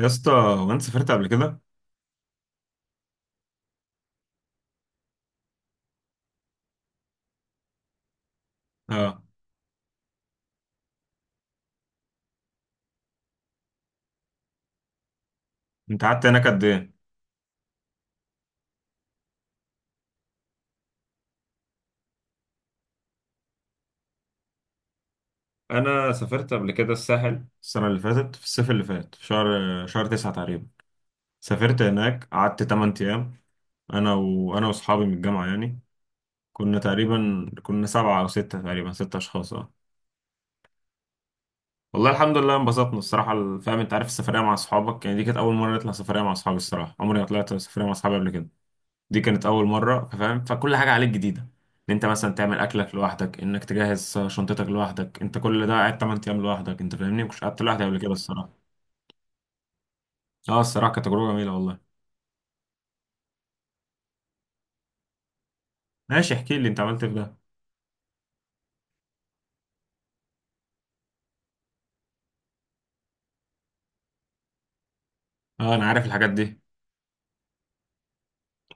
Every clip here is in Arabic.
يا اسطى وانت سافرت قبل كده؟ اه، انت قعدت هناك قد ايه؟ انا سافرت قبل كده الساحل السنة اللي فاتت في الصيف اللي فات في شهر 9 تقريبا. سافرت هناك قعدت 8 أيام. أنا وأصحابي من الجامعة يعني. كنا تقريبا كنا سبعة أو ستة تقريبا ستة أشخاص، اه. والله الحمد لله انبسطنا الصراحة. فاهم، أنت عارف السفرية مع أصحابك يعني، دي كانت أول مرة نطلع سفرية مع أصحابي الصراحة. عمري ما طلعت سفرية مع أصحابي قبل كده. دي كانت اول مره، فاهم، فكل حاجه عليك جديده. ان انت مثلا تعمل اكلك لوحدك، انك تجهز شنطتك لوحدك انت، كل ده قاعد 8 ايام لوحدك. انت فاهمني مش قعدت لوحدي قبل كده الصراحه. اه، الصراحه كانت تجربه جميله والله. ماشي، احكي لي انت عملت إيه في ده. اه، انا عارف الحاجات دي.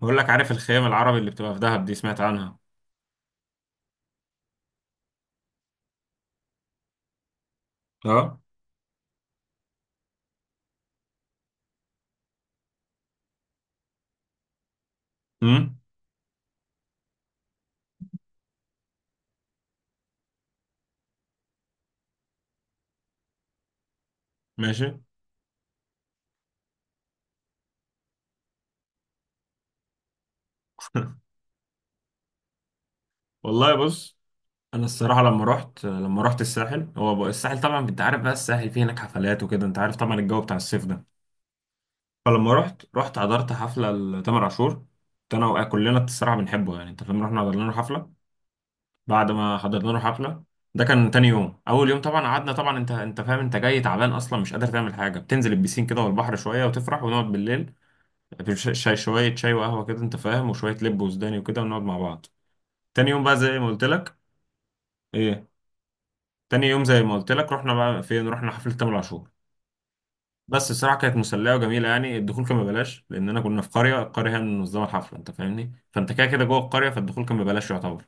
بقول لك، عارف الخيام العربي اللي بتبقى في دهب دي، سمعت عنها؟ اه، امم، ماشي. والله بص، انا الصراحه لما رحت الساحل، هو بقى- الساحل طبعا انت عارف، بقى الساحل فيه هناك حفلات وكده، انت عارف طبعا الجو بتاع الصيف ده. فلما رحت حضرت حفلة لتامر عاشور. كنت انا وقع كلنا الصراحة بنحبه يعني، انت فاهم، رحنا حضرنا له حفلة. بعد ما حضرنا له حفلة، ده كان تاني يوم. اول يوم طبعا قعدنا طبعا، انت فاهم انت جاي تعبان اصلا مش قادر تعمل حاجة، بتنزل البسين كده والبحر شوية وتفرح ونقعد بالليل في ش- شاي شوية شاي وقهوة كده انت فاهم، وشوية لب وسوداني وكده ونقعد مع بعض. تاني يوم بقى زي ما قلت لك. ايه؟ تاني يوم زي ما قلت لك رحنا بقى فين، رحنا حفلة تامر عاشور. بس الصراحه كانت مسليه وجميله يعني. الدخول كان ببلاش لاننا كنا في قريه، القريه هي اللي منظمه الحفله انت فاهمني، فانت كده كده جوه القريه فالدخول كان ببلاش يعتبر.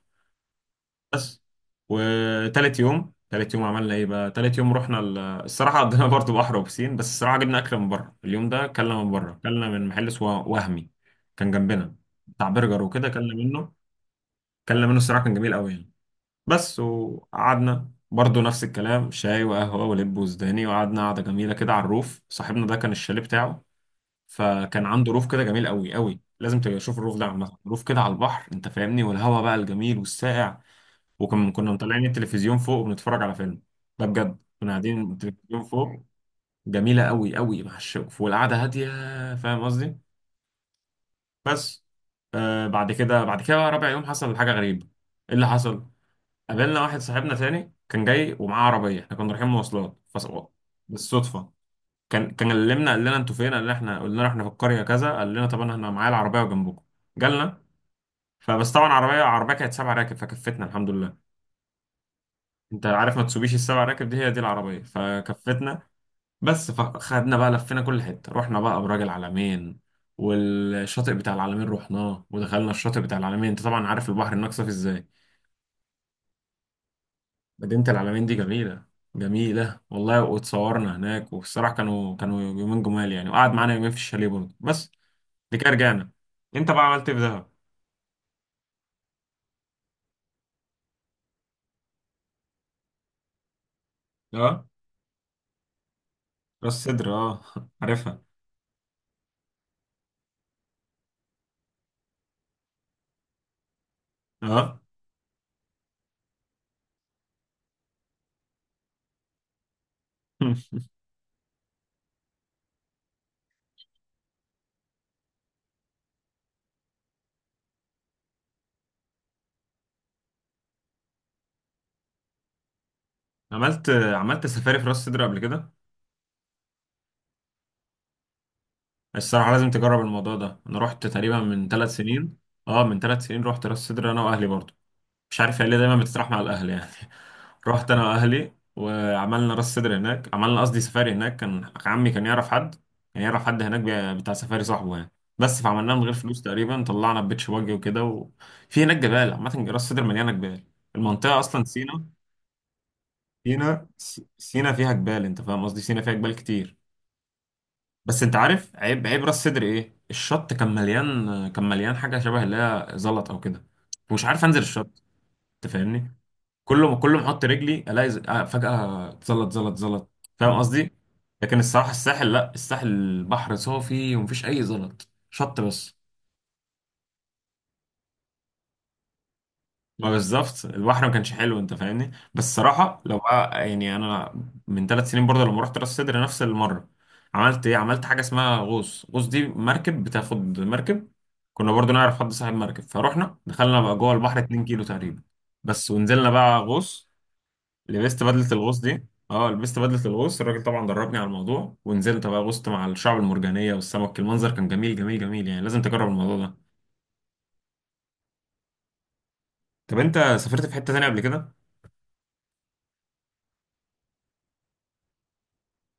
بس، وتالت يوم عملنا ايه بقى؟ تالت يوم رحنا ال... الصراحه قضينا برضه بحر وبسين. بس الصراحه جبنا اكل من بره اليوم ده، كلنا من بره، كلنا من محل اسمه وهمي، كان جنبنا، بتاع برجر وكده. كلنا منه، كلنا منه الصراحه، كان جميل قوي يعني. بس وقعدنا برضه نفس الكلام شاي وقهوه ولب وزداني، وقعدنا قعده جميله كده على الروف. صاحبنا ده كان الشاليه بتاعه، فكان عنده روف كده جميل قوي، لازم تبقى تشوف الروف ده، عامه روف كده على البحر انت فاهمني، والهواء بقى الجميل والساقع. وكنا مطلعين التلفزيون فوق وبنتفرج على فيلم، ده بجد كنا قاعدين التلفزيون فوق. جميله قوي مع الشوف والقعده هاديه، فاهم قصدي. بس، آه، بعد كده بقى رابع يوم حصل حاجه غريبه. ايه اللي حصل؟ قابلنا واحد صاحبنا تاني كان جاي ومعاه عربيه، احنا كنا رايحين مواصلات بالصدفه. كان كلمنا، قال لنا انتوا فين، قال لنا، احنا قلنا له احنا في القريه كذا، قال لنا طب انا هنا معايا العربيه وجنبكم، جالنا. فبس طبعا عربيه كانت سبع راكب فكفتنا الحمد لله. انت عارف ما تسوبيش السبع راكب دي، هي دي العربيه فكفتنا. بس فخدنا بقى لفينا كل حته، رحنا بقى ابراج العلمين، والشاطئ بتاع العلمين رحناه، ودخلنا الشاطئ بتاع العلمين. انت طبعا عارف البحر هناك صافي ازاي. مدينه العلمين دي جميله، جميله والله، واتصورنا هناك. والصراحه كانوا يومين جمال يعني، وقعد معانا يومين في الشاليه برضه بس. دي كرجانة. انت بقى عملت ايه في دهب؟ اه، راس صدر، اه عارفها، اه. عملت عملت سفاري في راس صدر قبل كده؟ الصراحة لازم تجرب الموضوع ده، انا رحت تقريبا من 3 سنين. اه، من 3 سنين رحت راس صدر انا واهلي برضو. مش عارف هي ليه دايما بتطرح مع الاهل يعني. رحت انا واهلي وعملنا راس صدر هناك، عملنا قصدي سفاري هناك. كان عمي يعرف حد، كان يعرف حد هناك بتاع سفاري، صاحبه يعني. بس فعملناه من غير فلوس تقريبا، طلعنا بيتش باجي وكده. وفي هناك جبال، عامة راس صدر مليانة جبال، المنطقة أصلا سينا. سينا، سينا فيها جبال، أنت فاهم قصدي، سينا فيها جبال كتير. بس أنت عارف عيب راس صدر إيه؟ الشط كان مليان، كان مليان حاجة شبه اللي هي زلط أو كده. ومش عارف أنزل الشط، أنت فاهمني. كل ما احط رجلي الاقي فجأة اتزلط زلط زلط. فاهم قصدي. لكن الصراحة الساحل لا، الساحل البحر صافي ومفيش اي زلط، شط بس. ما بالظبط البحر ما كانش حلو انت فاهمني. بس الصراحة لو بقى يعني انا، من 3 سنين برضه لما رحت راس سدر نفس المرة، عملت ايه؟ عملت حاجة اسمها غوص. غوص دي مركب، بتاخد مركب. كنا برضه نعرف حد صاحب مركب، فروحنا دخلنا بقى جوه البحر 2 كيلو تقريبا بس، ونزلنا بقى غوص. لبست بدلة الغوص دي، اه لبست بدلة الغوص، الراجل طبعا دربني على الموضوع، ونزلت بقى غوصت مع الشعب المرجانية والسمك. المنظر كان جميل جميل جميل يعني، لازم تجرب الموضوع ده. طب انت سافرت في حتة تانية قبل كده؟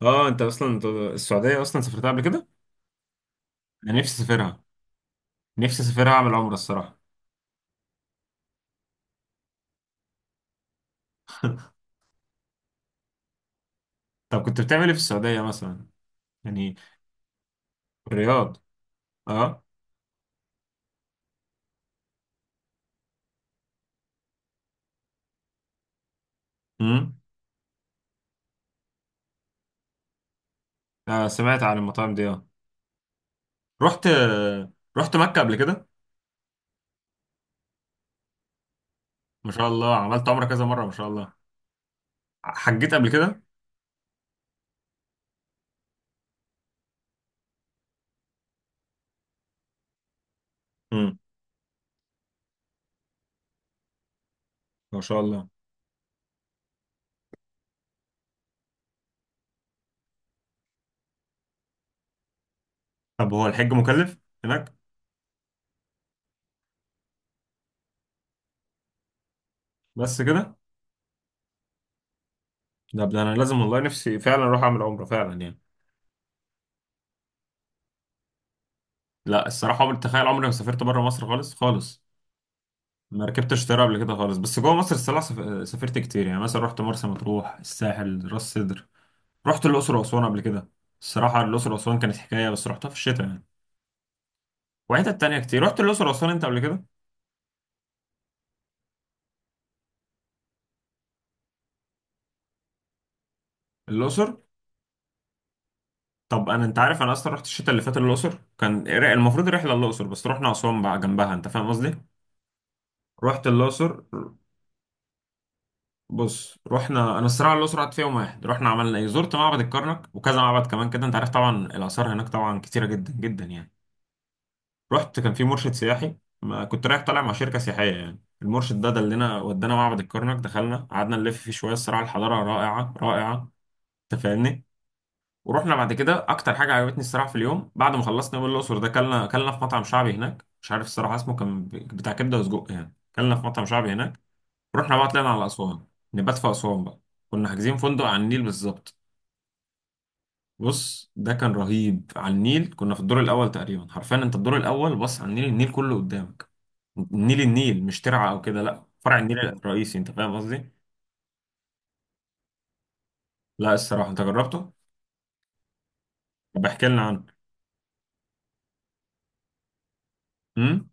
اه، انت اصلا، انت السعودية اصلا سافرتها قبل كده؟ انا نفسي اسافرها، نفسي اسافرها اعمل عمرة الصراحة. طب كنت بتعمل ايه في السعودية مثلا؟ يعني. الرياض، اه. امم. آه، سمعت عن المطاعم دي، اه. رحت، آه، رحت مكة قبل كده. ما شاء الله، عملت عمرة كذا مرة ما شاء الله. حجيت قبل كده؟ امم، ما شاء الله. طب هو الحج مكلف هناك؟ بس كده؟ ده انا لازم والله، نفسي فعلا اروح اعمل عمره فعلا يعني. لا الصراحه عمري، تخيل، عمري ما سافرت بره مصر خالص خالص. ما ركبتش طياره قبل كده خالص. بس جوه مصر الصراحه سافرت كتير يعني. مثلا رحت مرسى مطروح، الساحل، راس سدر. رحت الاقصر واسوان قبل كده. الصراحه الاقصر واسوان كانت حكايه، بس رحتها في الشتاء يعني. وحتت تانية كتير. رحت الاقصر واسوان انت قبل كده؟ الاقصر. طب انا، انت عارف انا اصلا رحت الشتاء اللي فات الاقصر، كان المفروض رحله الاقصر بس رحنا اسوان بقى جنبها، انت فاهم قصدي. رحت الأقصر. بص، رحنا، انا الصراحه الاقصر قعدت فيها يوم واحد، رحنا عملنا ايه، زرت معبد الكرنك وكذا معبد كمان كده، انت عارف طبعا الاثار هناك طبعا كتيره جدا جدا يعني. رحت، كان في مرشد سياحي، ما كنت رايح طالع مع شركه سياحيه يعني. المرشد ده دلنا، ودانا معبد الكرنك، دخلنا قعدنا نلف فيه شويه الصراحه. الحضاره رائعه، انت فاهمني. ورحنا بعد كده، اكتر حاجه عجبتني الصراحه في اليوم بعد ما خلصنا من الاقصر ده، كلنا، كلنا في مطعم شعبي هناك مش عارف الصراحه اسمه، كان بتاع كبده وسجق يعني، كلنا في مطعم شعبي هناك. رحنا بقى طلعنا على أسوان، نبات في أسوان بقى. كنا حاجزين فندق على النيل بالظبط. بص، ده كان رهيب، على النيل، كنا في الدور الأول تقريبا، حرفيا أنت الدور الأول بص على النيل، النيل كله قدامك. النيل مش ترعة أو كده لا، فرع النيل الرئيسي أنت فاهم قصدي؟ لا الصراحة، أنت جربته؟ طب احكي لنا عنه. امم،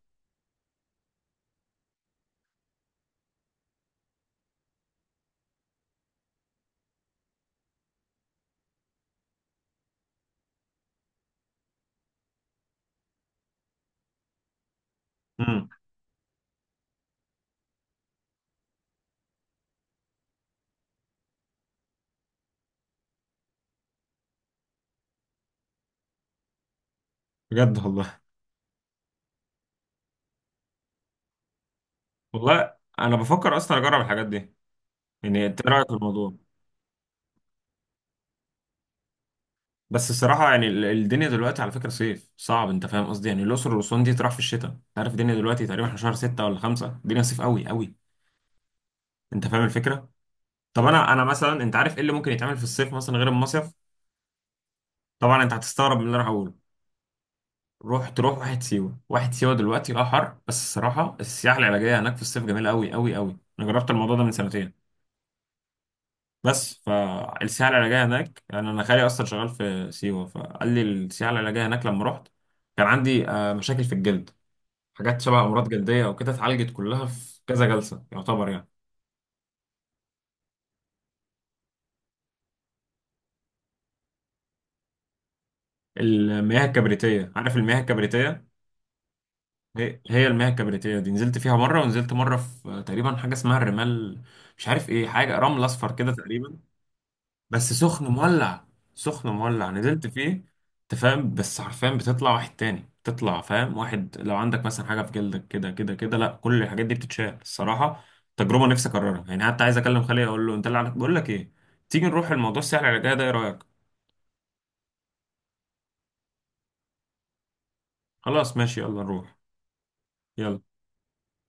امم. بجد والله. والله أنا بفكر أصلا أجرب الحاجات دي، يعني أنت إيه رأيك في الموضوع؟ بس الصراحة يعني الدنيا دلوقتي على فكرة صيف صعب، انت فاهم قصدي، يعني الأقصر والأسوان دي تروح في الشتاء انت عارف. الدنيا دلوقتي تقريبا احنا شهر 6 ولا 5، الدنيا صيف قوي. انت فاهم الفكرة. طب انا مثلا، انت عارف ايه اللي ممكن يتعمل في الصيف مثلا غير المصيف؟ طبعا انت هتستغرب من اللي انا هقوله. روح، تروح واحد سيوة. دلوقتي اه حر، بس الصراحة السياحة العلاجية هناك في الصيف جميلة قوي. انا جربت الموضوع ده من سنتين. بس فالسياحة العلاجية هناك يعني، انا خالي اصلا شغال في سيوة فقال لي السياحة العلاجية هناك. لما رحت كان عندي مشاكل في الجلد، حاجات شبه امراض جلديه او كده، اتعالجت كلها في كذا جلسه يعتبر يعني. المياه الكبريتيه، عارف المياه الكبريتيه؟ هي المياه الكبريتيه دي، نزلت فيها مره، ونزلت مره في تقريبا حاجه اسمها الرمال. مش عارف ايه، حاجه رمل اصفر كده تقريبا. بس سخن مولع، سخن مولع، نزلت فيه. انت فاهم، بس حرفيا بتطلع واحد تاني، بتطلع فاهم واحد لو عندك مثلا حاجه في جلدك كده كده كده، لا كل الحاجات دي بتتشال الصراحه. تجربه نفسي اكررها يعني، حتى عايز اكلم خالي اقول له انت اللي عليك بقول لك ايه. تيجي نروح الموضوع السهل على الرجاية ده، ايه رايك؟ خلاص ماشي، يلا نروح. يلا.